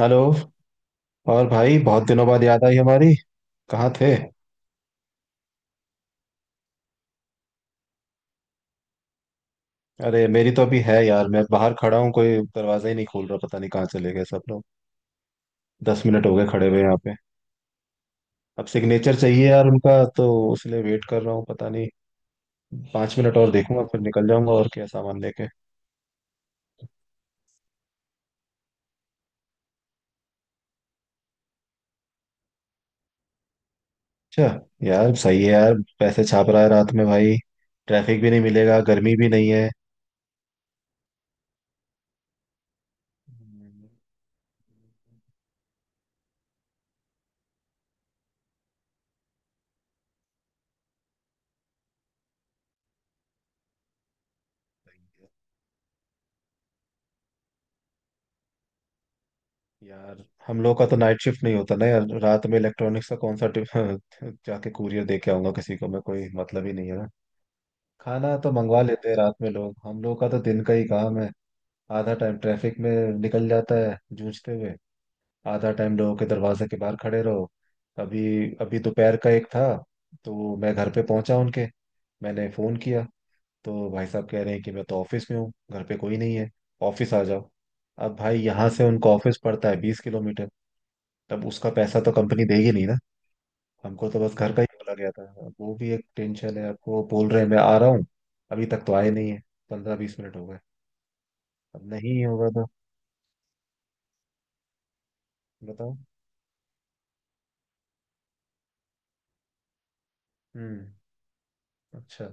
Hello. और भाई, बहुत दिनों बाद याद आई हमारी। कहाँ थे? अरे मेरी तो अभी है यार, मैं बाहर खड़ा हूँ। कोई दरवाजा ही नहीं खोल रहा, पता नहीं कहाँ चले गए सब लोग। 10 मिनट हो गए खड़े हुए यहाँ पे। अब सिग्नेचर चाहिए यार उनका तो, इसलिए वेट कर रहा हूँ। पता नहीं। 5 मिनट और देखूंगा, फिर निकल जाऊंगा। और क्या सामान लेके। अच्छा। यार सही है यार। पैसे छाप रहा है रात में भाई। ट्रैफिक भी नहीं मिलेगा, गर्मी भी नहीं है। हम्म, सही है। यार हम लोग का तो नाइट शिफ्ट नहीं होता ना यार। रात में इलेक्ट्रॉनिक्स का कौन सा जाके कुरियर दे के आऊंगा किसी को मैं, कोई मतलब ही नहीं है ना। खाना तो मंगवा लेते हैं रात में लोग, हम लोग का तो दिन का ही काम है। आधा टाइम ट्रैफिक में निकल जाता है जूझते हुए, आधा टाइम लोगों के दरवाजे के बाहर खड़े रहो। अभी अभी दोपहर का 1 था। तो मैं घर पे पहुंचा उनके, मैंने फोन किया। तो भाई साहब कह रहे हैं कि मैं तो ऑफिस में हूँ, घर पे कोई नहीं है, ऑफिस आ जाओ। अब भाई यहाँ से उनका ऑफिस पड़ता है 20 किलोमीटर। तब उसका पैसा तो कंपनी देगी नहीं ना। हमको तो बस घर का ही बोला गया था, अब वो भी एक टेंशन है। आपको बोल रहे हैं मैं आ रहा हूँ, अभी तक तो आए नहीं है। 15-20 मिनट हो गए। अब नहीं होगा तो बताओ। हम्म। अच्छा।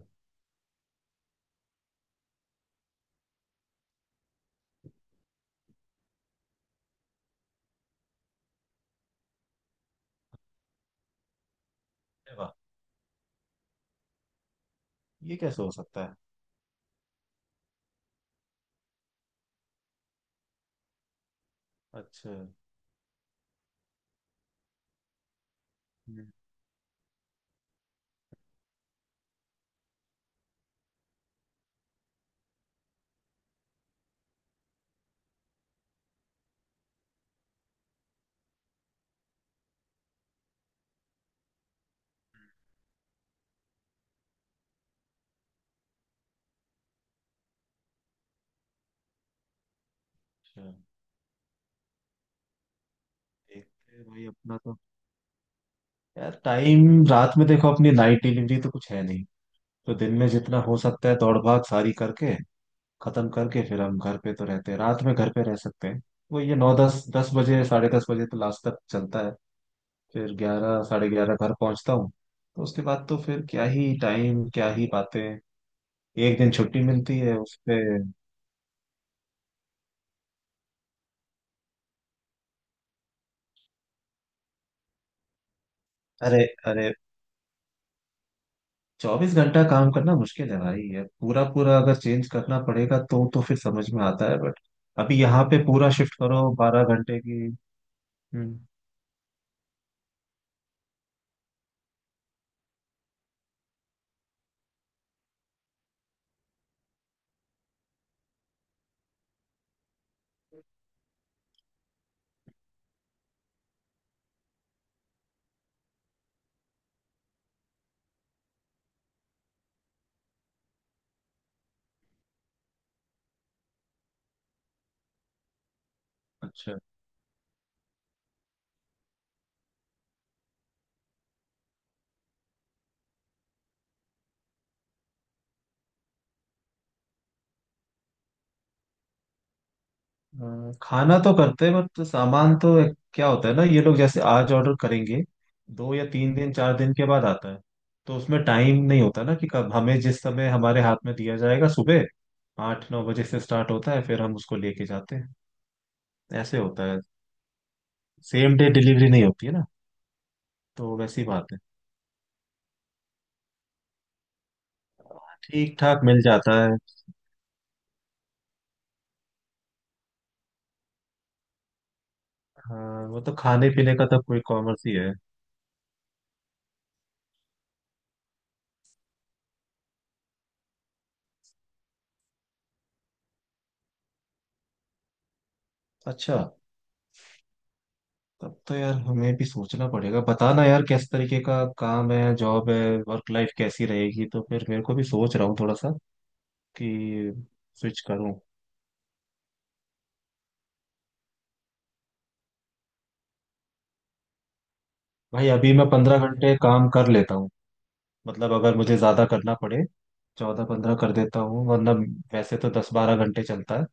अरे वाह, ये कैसे हो सकता है? अच्छा। हम्म, अच्छा। देखते हैं भाई अपना तो। यार टाइम रात में देखो, अपनी नाइट डिलीवरी तो कुछ है नहीं। तो दिन में जितना हो सकता है दौड़ भाग सारी करके खत्म करके, फिर हम घर पे तो रहते हैं, रात में घर पे रह सकते हैं। वो ये नौ दस दस बजे, 10:30 बजे तो लास्ट तक चलता है। फिर 11, 11:30 घर पहुंचता हूँ। तो उसके बाद तो फिर क्या ही टाइम, क्या ही बातें। एक दिन छुट्टी मिलती है उसपे। अरे अरे, 24 घंटा काम करना मुश्किल है भाई। ये पूरा पूरा अगर चेंज करना पड़ेगा तो फिर समझ में आता है, बट अभी यहाँ पे पूरा शिफ्ट करो 12 घंटे की। हम्म। अच्छा। खाना तो करते हैं, बट सामान तो क्या होता है ना। ये लोग जैसे आज ऑर्डर करेंगे, 2 या 3 दिन 4 दिन के बाद आता है। तो उसमें टाइम नहीं होता ना कि कब हमें, जिस समय हमारे हाथ में दिया जाएगा। सुबह 8-9 बजे से स्टार्ट होता है, फिर हम उसको लेके जाते हैं। ऐसे होता है। सेम डे डिलीवरी नहीं होती है ना, तो वैसी बात है। ठीक ठाक मिल जाता है। हाँ, वो तो खाने पीने का तो कोई कॉमर्स ही है। अच्छा। तब तो यार हमें भी सोचना पड़ेगा। बताना यार किस तरीके का काम है, जॉब है, वर्क लाइफ कैसी रहेगी, तो फिर मेरे को भी सोच रहा हूँ थोड़ा सा कि स्विच करूँ। भाई अभी मैं 15 घंटे काम कर लेता हूँ। मतलब अगर मुझे ज्यादा करना पड़े, 14-15 कर देता हूँ, वरना वैसे तो 10-12 घंटे चलता है।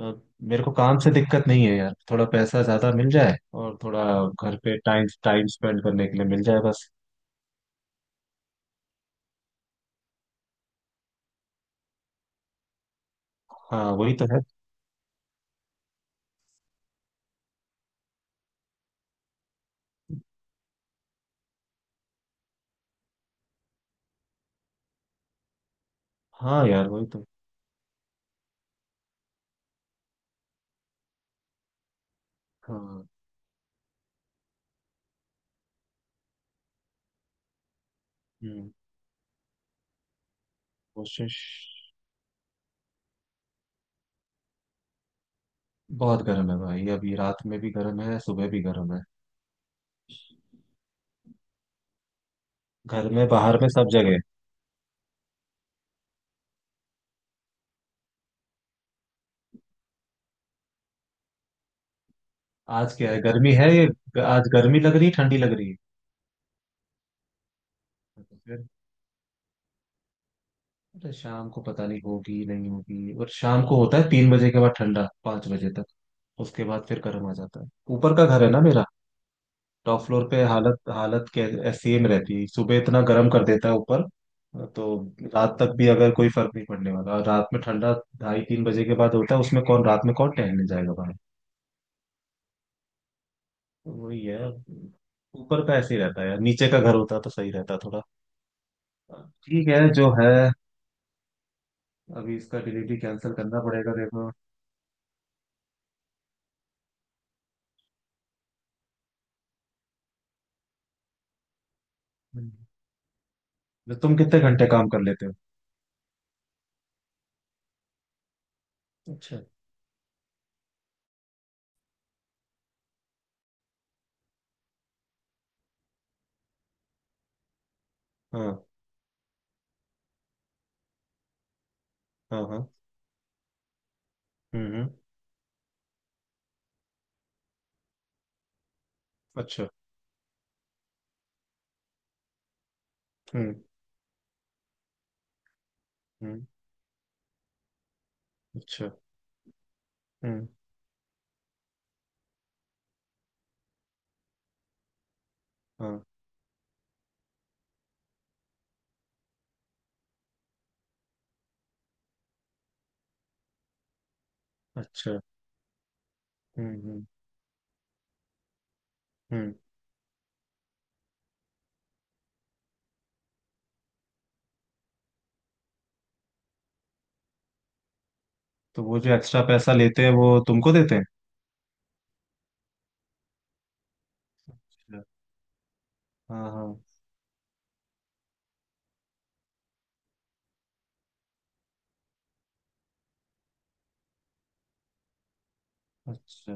अ, मेरे को काम से दिक्कत नहीं है यार। थोड़ा पैसा ज्यादा मिल जाए, और थोड़ा घर पे टाइम टाइम स्पेंड करने के लिए मिल जाए बस। हाँ वही तो है। हाँ यार वही तो। हाँ। हम्म। कोशिश। बहुत गर्म है भाई, अभी रात में भी गर्म है, सुबह भी गर्म है। घर में बाहर में सब जगह। आज क्या है, गर्मी है ये। आज गर्मी लग रही है, ठंडी लग रही है तो फिर। अरे शाम को पता नहीं, होगी नहीं होगी। और शाम को होता है 3 बजे के बाद ठंडा, 5 बजे तक। उसके बाद फिर गर्म आ जाता है। ऊपर का घर है ना मेरा, टॉप फ्लोर पे हालत हालत के ऐसी में रहती है, सुबह इतना गर्म कर देता है ऊपर। तो रात तक भी अगर कोई फर्क नहीं पड़ने वाला, और रात में ठंडा 2:30-3 बजे के बाद होता है। उसमें कौन, रात में कौन टहलने जाएगा भाई। वही है। ऊपर का ऐसे ही रहता है यार, नीचे का घर होता तो सही रहता थोड़ा। ठीक है जो है। अभी इसका डिलीवरी कैंसिल करना पड़ेगा देखो। हम्म। तो तुम कितने घंटे काम कर लेते हो? अच्छा। हाँ हाँ हाँ। हम्म हम्म, अच्छा। हम्म हम्म। अच्छा। हम्म। हाँ। अच्छा। हम्म हम्म हम्म। तो वो जो एक्स्ट्रा पैसा लेते हैं वो तुमको देते हैं? अच्छा, हाँ हाँ। अच्छा।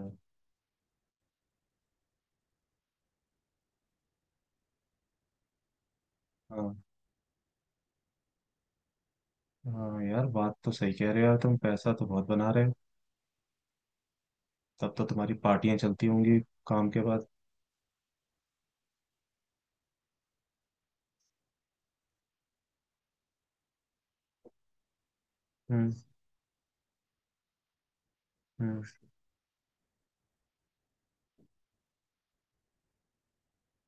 हाँ हाँ, यार बात तो सही कह रहे हो यार, तुम पैसा तो बहुत बना रहे हो। तब तो तुम्हारी पार्टियां चलती होंगी काम के बाद। हम्म हम्म।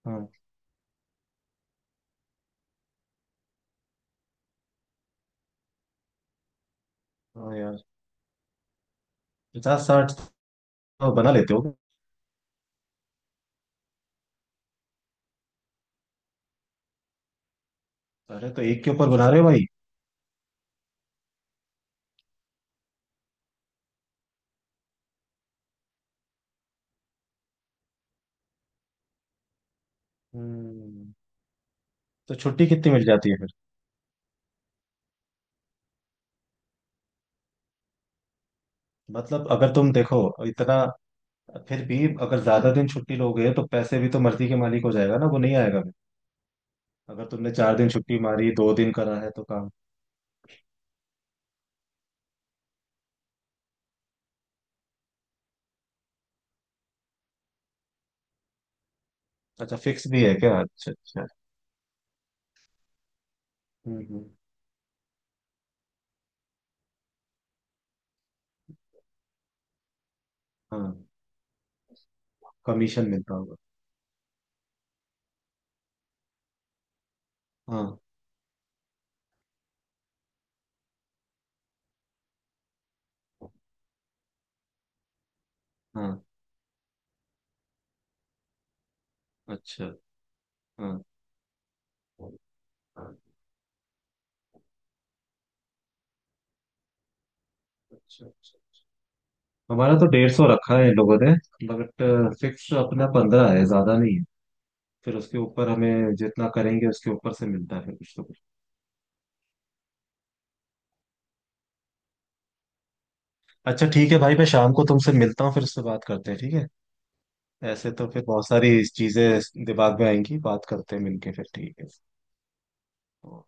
हाँ, हाँ यार, 50-60 तो बना लेते हो। अरे तो एक के ऊपर बना रहे हो भाई। हम्म। तो छुट्टी कितनी मिल जाती है फिर? मतलब अगर तुम देखो इतना, फिर भी अगर ज्यादा दिन छुट्टी लोगे, तो पैसे भी तो मर्जी के मालिक हो जाएगा ना, वो नहीं आएगा फिर। अगर तुमने 4 दिन छुट्टी मारी, 2 दिन करा है तो काम। अच्छा, फिक्स भी है क्या? अच्छा अच्छा। हम्म हम्म, हाँ, कमीशन मिलता होगा। हाँ हाँ। अच्छा। हाँ। अच्छा अच्छा। हमारा तो 150 रखा है इन लोगों ने, बट फिक्स अपना 15 है, ज्यादा नहीं है। फिर उसके ऊपर हमें जितना करेंगे उसके ऊपर से मिलता है फिर, कुछ तो कुछ। अच्छा ठीक है भाई, मैं शाम को तुमसे मिलता हूँ, फिर उससे बात करते हैं ठीक है। ऐसे तो फिर बहुत सारी चीजें दिमाग में आएंगी। बात करते हैं मिलके फिर, ठीक है।